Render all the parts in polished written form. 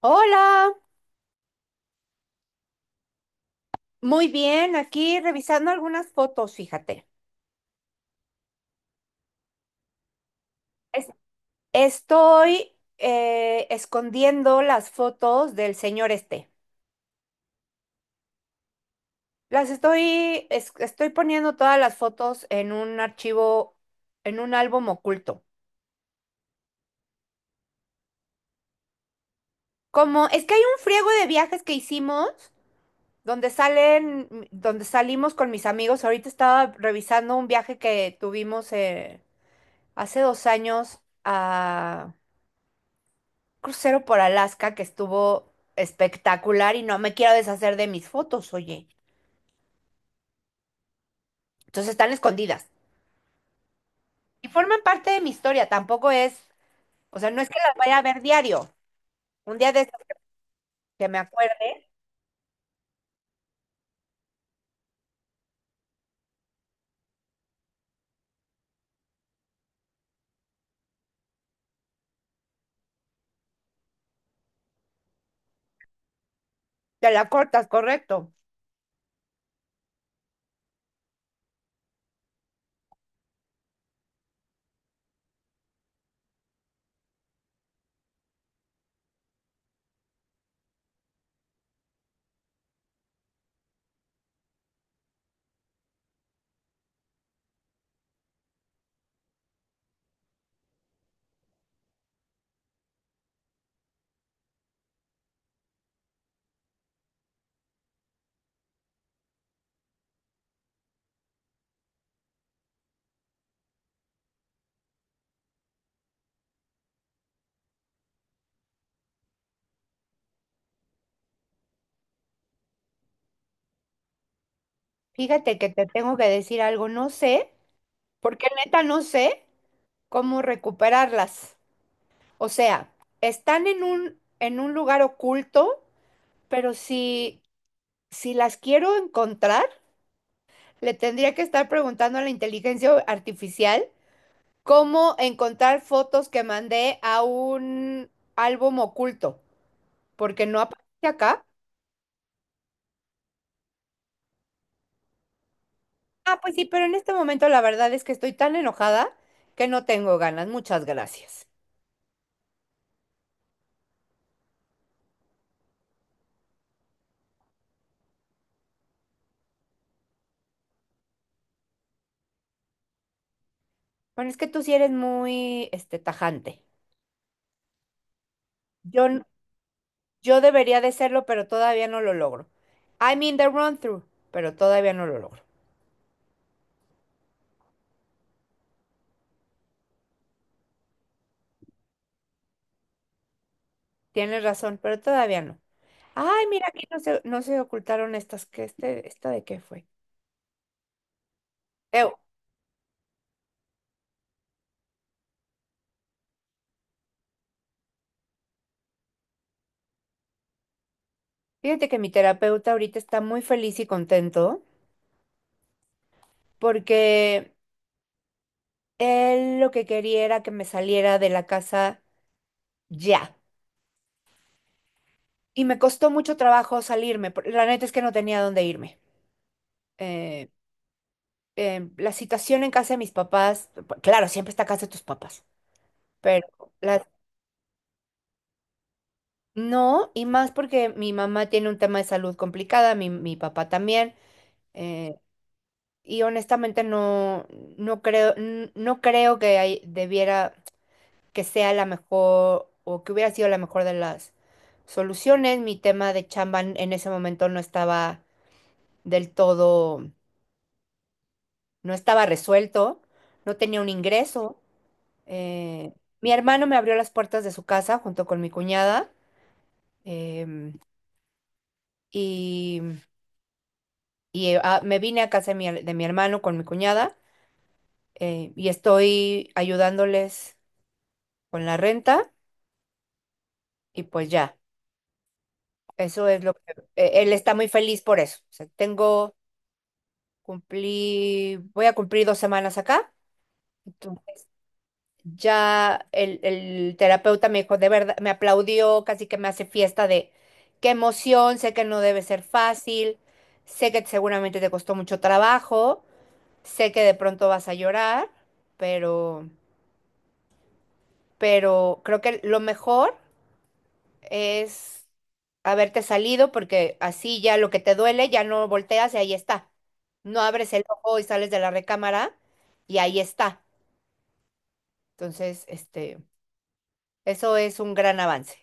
Hola, muy bien, aquí revisando algunas fotos, fíjate. Es- Estoy escondiendo las fotos del señor este. Las estoy, estoy poniendo todas las fotos en un archivo, en un álbum oculto. Como es que hay un friego de viajes que hicimos donde salen, donde salimos con mis amigos. Ahorita estaba revisando un viaje que tuvimos hace 2 años, crucero por Alaska que estuvo espectacular, y no me quiero deshacer de mis fotos, oye. Entonces están escondidas. Y forman parte de mi historia, tampoco es, o sea, no es que las vaya a ver diario. Un día de estos que me acuerde, te la cortas, correcto. Fíjate que te tengo que decir algo, no sé, porque neta no sé cómo recuperarlas. O sea, están en en un lugar oculto, pero si las quiero encontrar, le tendría que estar preguntando a la inteligencia artificial cómo encontrar fotos que mandé a un álbum oculto, porque no aparece acá. Ah, pues sí, pero en este momento la verdad es que estoy tan enojada que no tengo ganas. Muchas gracias. Bueno, es que tú sí eres muy, este, tajante. Yo, n- yo debería de serlo, pero todavía no lo logro. I'm in the run-through, pero todavía no lo logro. Tienes razón, pero todavía no. Ay, mira, aquí no se ocultaron estas. ¿Qué este, esta de qué fue? Eu- Fíjate que mi terapeuta ahorita está muy feliz y contento porque él lo que quería era que me saliera de la casa ya. Y me costó mucho trabajo salirme. La neta es que no tenía dónde irme. Eh, la situación en casa de mis papás, claro, siempre está casa de tus papás, pero las no, y más porque mi mamá tiene un tema de salud complicada, mi papá también. eh, y honestamente no, no creo, no creo que debiera que sea la mejor o que hubiera sido la mejor de las soluciones. Mi tema de chamba en ese momento no estaba del todo, no estaba resuelto, no tenía un ingreso. Eh, mi hermano me abrió las puertas de su casa junto con mi cuñada, em, y, me vine a casa de de mi hermano con mi cuñada. Y estoy ayudándoles con la renta y pues ya, eso es lo que... Él está muy feliz por eso. O sea, tengo... cumplí, voy a cumplir 2 semanas acá. Entonces, ya el terapeuta me dijo, de verdad, me aplaudió, casi que me hace fiesta de qué emoción, sé que no debe ser fácil, sé que seguramente te costó mucho trabajo, sé que de pronto vas a llorar, pero, pero creo que lo mejor es haberte salido porque así ya lo que te duele ya no volteas y ahí está. No abres el ojo y sales de la recámara y ahí está. Entonces, este, eso es un gran avance.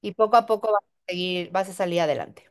Y poco a poco vas a seguir, vas a salir adelante.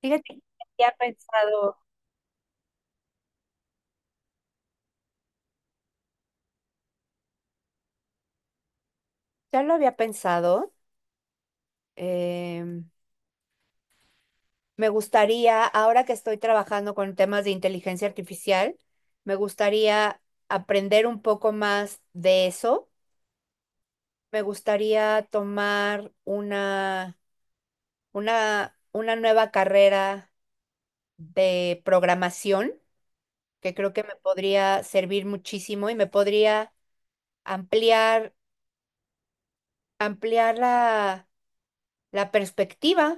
Fíjate que ya he pensado, ya lo había pensado. em, Me gustaría, ahora que estoy trabajando con temas de inteligencia artificial, me gustaría aprender un poco más de eso. Me gustaría tomar una nueva carrera de programación, que creo que me podría servir muchísimo y me podría ampliar, ampliar la perspectiva.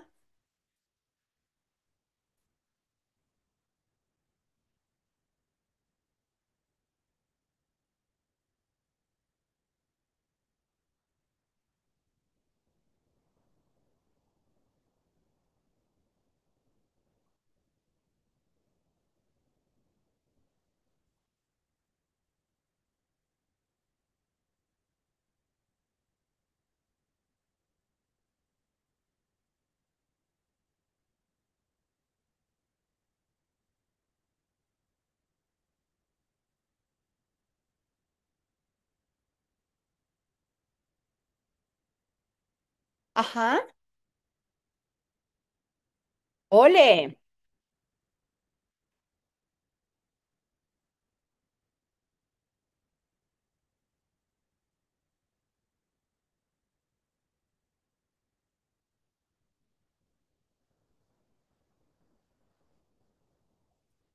Ajá. Ole.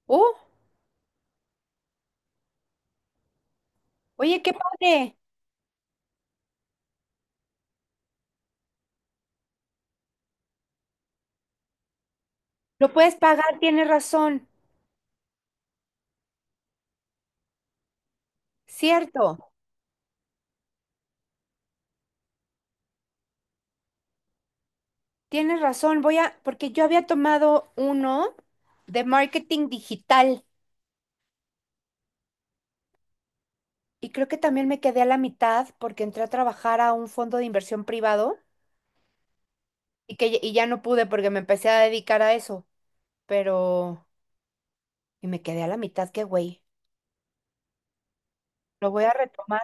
Uh, oye, qué padre. Lo puedes pagar, tienes razón. Cierto, tienes razón. Voy a, porque yo había tomado uno de marketing digital y creo que también me quedé a la mitad porque entré a trabajar a un fondo de inversión privado y que y ya no pude porque me empecé a dedicar a eso. Pero y me quedé a la mitad, qué güey. Lo voy a retomar.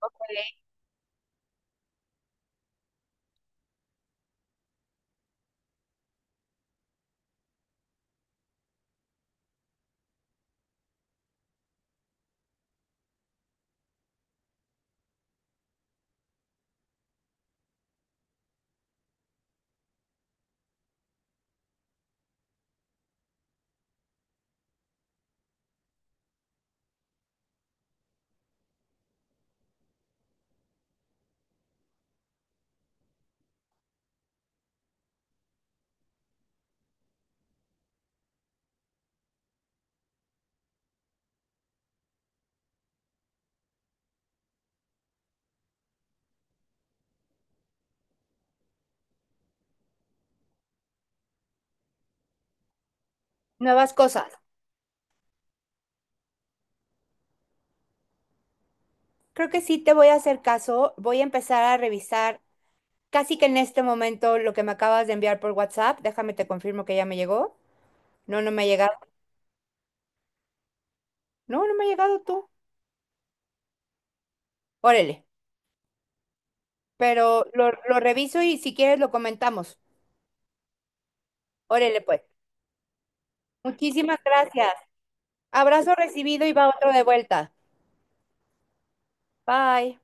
Ok. Nuevas cosas. Creo que sí te voy a hacer caso. Voy a empezar a revisar casi que en este momento lo que me acabas de enviar por WhatsApp. Déjame te confirmo que ya me llegó. No, no me ha llegado. No, no me ha llegado tú. Órale. Pero lo reviso y si quieres lo comentamos. Órale, pues. Muchísimas gracias. Abrazo recibido y va otro de vuelta. Bye.